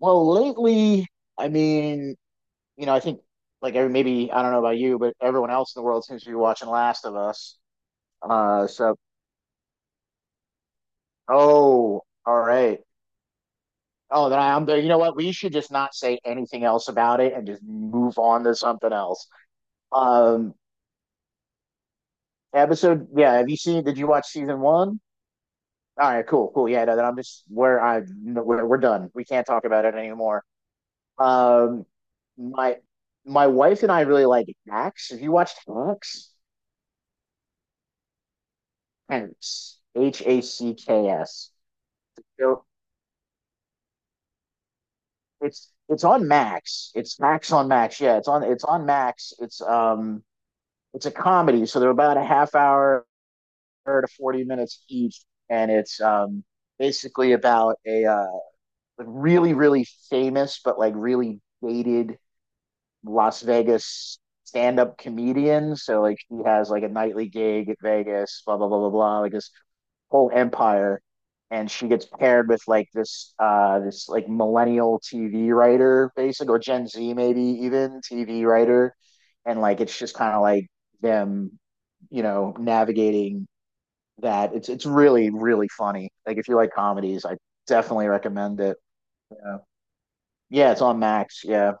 Well, lately, I mean, I think like every maybe I don't know about you, but everyone else in the world seems to be watching Last of Us. Uh, so oh, all right. Oh, then I'm there. You know what? We should just not say anything else about it and just move on to something else. Um, Episode, yeah. Have you seen? Did you watch season one? All right, cool, cool. Yeah, no, then I'm just where I no, we're done. We can't talk about it anymore. Um, my my wife and I really like Hacks. Have you watched Hacks? Hacks. H A C K S. So it's on Max. It's Max on Max. Yeah, it's on Max. It's a comedy, so they're about a half hour to 40 minutes each, and it's basically about a really really famous but like really dated Las Vegas stand-up comedian. So like he has like a nightly gig at Vegas, blah blah blah blah blah. Like this whole empire, and she gets paired with like this like millennial TV writer basic or Gen Z maybe even TV writer, and like it's just kind of like them, you know, navigating that. It's really really funny. Like if you like comedies, I definitely recommend it. Yeah, yeah it's on Max, yeah.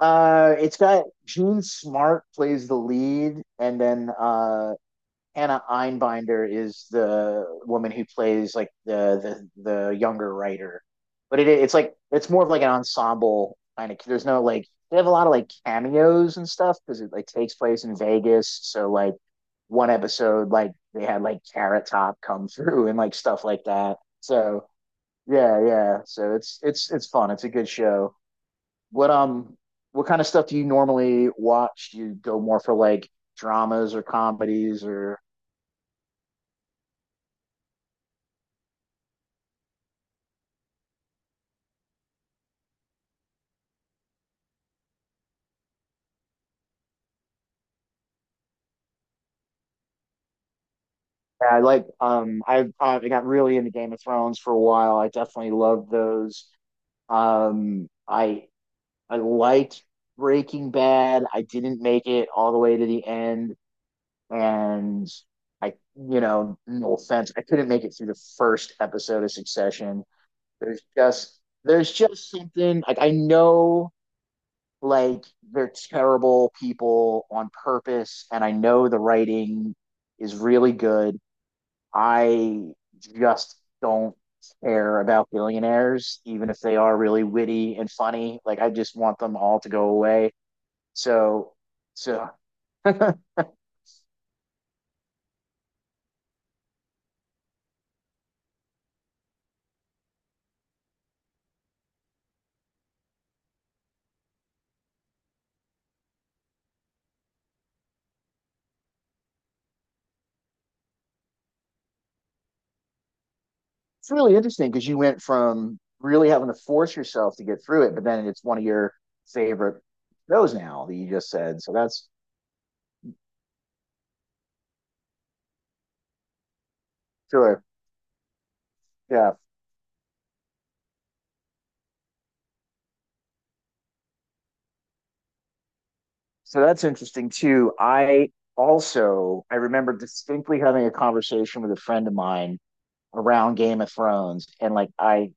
Uh, it's got Gene Smart plays the lead, and then Anna Einbinder is the woman who plays like the younger writer, but it's like it's more of like an ensemble kind of. There's no like they have a lot of like cameos and stuff because it like takes place in Vegas. So like one episode, like they had like Carrot Top come through and like stuff like that. So yeah, yeah. So it's it's fun. It's a good show. What um what kind of stuff do you normally watch? Do you go more for like dramas or comedies or Yeah, I like I got really into Game of Thrones for a while. I definitely loved those. Um I I liked Breaking Bad. I didn't make it all the way to the end, and I, you know, no offense, I couldn't make it through the first episode of Succession. There's just something like I know, like they're terrible people on purpose, and I know the writing is really good. I just don't care about billionaires, even if they are really witty and funny. Like I just want them all to go away. So, so it's really interesting because you went from really having to force yourself to get through it, but then it's one of your favorite shows now that you just said. So that's sure, yeah. So that's interesting too. I also I remember distinctly having a conversation with a friend of mine around Game of Thrones, and like I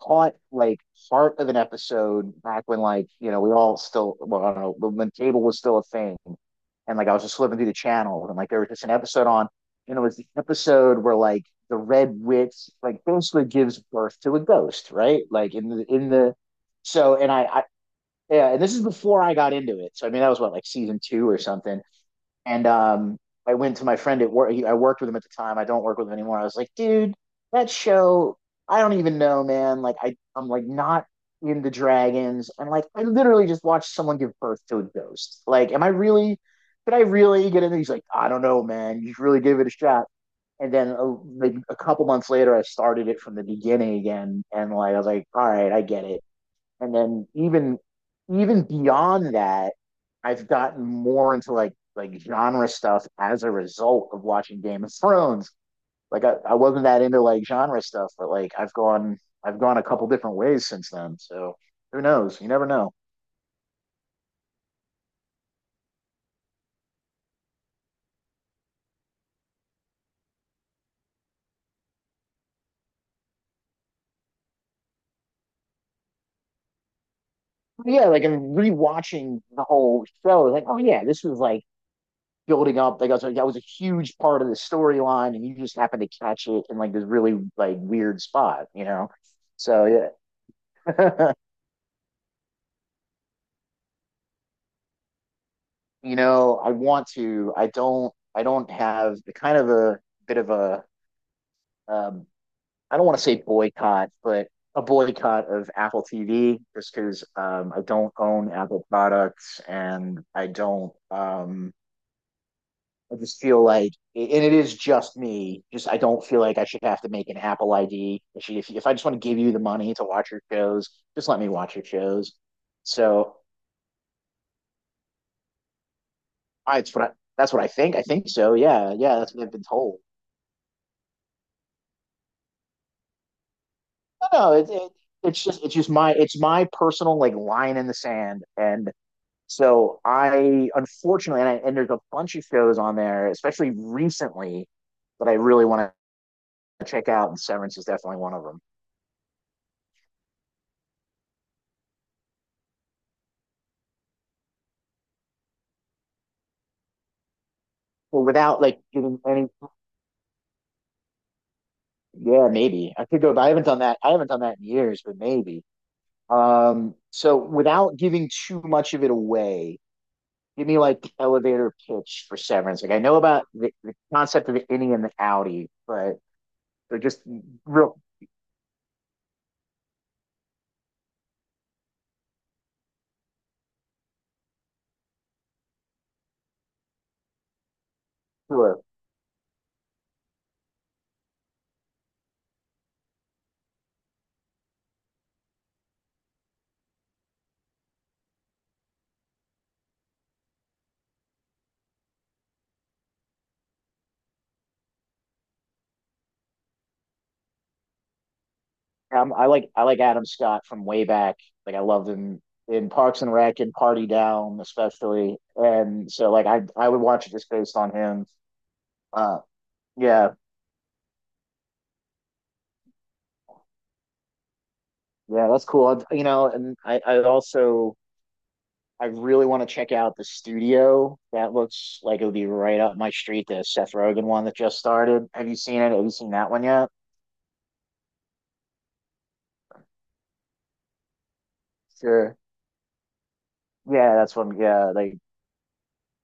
caught like part of an episode back when, like, you know, we all still well I don't know when cable was still a thing, and like I was just flipping through the channel and like there was just an episode on, and it was the episode where like the Red Witch like basically gives birth to a ghost, right? Like in the so and I yeah, and this is before I got into it. So I mean that was what, like season two or something. And I went to my friend at work. I worked with him at the time. I don't work with him anymore. I was like, dude, that show, I don't even know, man. Like, I'm like not into dragons. And like, I literally just watched someone give birth to a ghost. Like, am I really, could I really get into it? He's like, I don't know, man. You should really give it a shot. And then like a couple months later, I started it from the beginning again. And like, I was like, all right, I get it, and then even beyond that, I've gotten more into like genre stuff as a result of watching Game of Thrones. Like I wasn't that into like genre stuff, but like I've gone a couple different ways since then. So who knows? You never know. But yeah, like I'm rewatching the whole show. Like, oh yeah, this was like building up. Like I was like, that was a huge part of the storyline, and you just happened to catch it in like this really like weird spot, you know? So yeah. You know, I want to. I don't. I don't have the kind of a bit of a. Um, I don't want to say boycott, but a boycott of Apple TV just because I don't own Apple products, and I don't. I just feel like, and it is just me. Just I don't feel like I should have to make an Apple ID. If you- if I just want to give you the money to watch your shows, just let me watch your shows. So I, it's what I, that's what I think. I think so. Yeah, yeah. That's what I've been told. No, no, it, it's just my it's my personal like line in the sand, and so I unfortunately and there's a bunch of shows on there, especially recently, that I really want to check out, and Severance is definitely one of them. But without like getting any, yeah, maybe I could go. But I haven't done that. I haven't done that in years, but maybe. So without giving too much of it away, give me like the elevator pitch for Severance. Like I know about the concept of the innie and the outie, but or just real Sure. I like Adam Scott from way back. Like I loved him in Parks and Rec and Party Down, especially. And so like I would watch it just based on him. Uh, yeah, yeah, that's cool. I you know, and I also I really want to check out the studio. That looks like it would be right up my street. The Seth Rogen one that just started. Have you seen it? Have you seen that one yet? Sure. Yeah, that's one. Yeah, like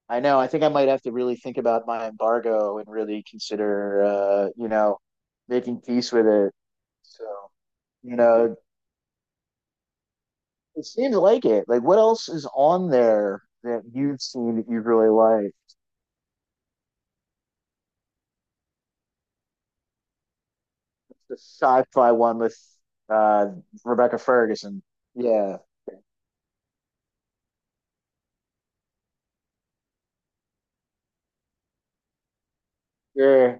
I know. I think I might have to really think about my embargo and really consider, you know, making peace with it. So, you know, it seems like it. Like, what else is on there that you've seen that you really like? The sci-fi one with uh, Rebecca Ferguson. Yeah. Yeah.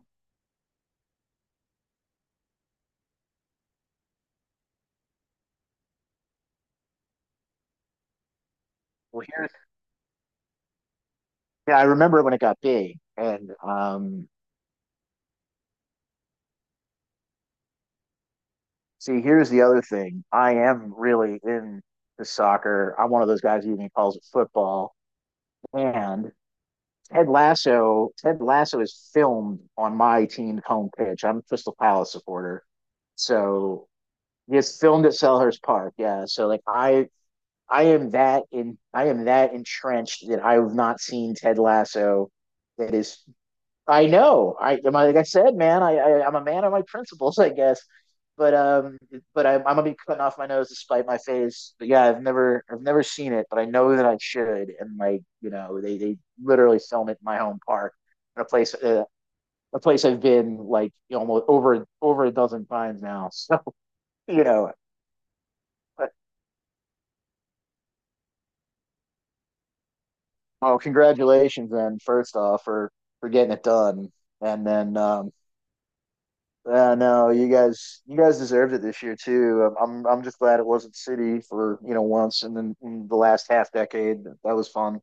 Well, here's, yeah, I remember when it got big. And see, here's the other thing. I am really into soccer. I'm one of those guys who even calls it football. And Ted Lasso, Ted Lasso is filmed on my team's home pitch. I'm a Crystal Palace supporter. So it's filmed at Selhurst Park. Yeah. So like I am that entrenched that I have not seen Ted Lasso. That is I know. I like I said, man. I'm a man of my principles, I guess. But um, but I'm gonna be cutting off my nose to spite my face. But yeah, I've never seen it, but I know that I should. And like you know, they literally film it in my home park, in a place I've been like, you know, almost over a dozen times now. So you know, but, oh, congratulations then, first off, for getting it done, and then no, you guys deserved it this year too. I'm just glad it wasn't City for you know once, and then in the last half decade that was fun.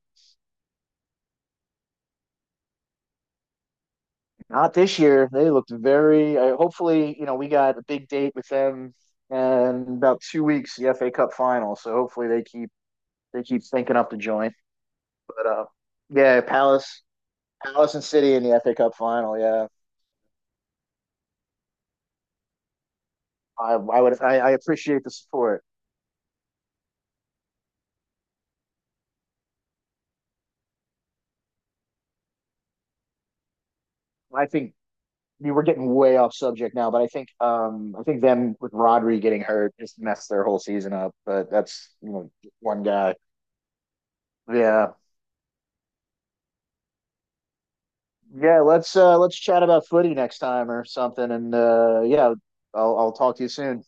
Not this year. They looked very. Hopefully, you know, we got a big date with them, and about 2 weeks the FA Cup final. So hopefully they keep thinking up the joint. But yeah, Palace and City in the FA Cup final. Yeah, I appreciate the support. I think we were getting way off subject now, but I think them with Rodri getting hurt just messed their whole season up. But that's you know one guy. Yeah. Yeah, let's chat about footy next time or something. And yeah, I'll talk to you soon.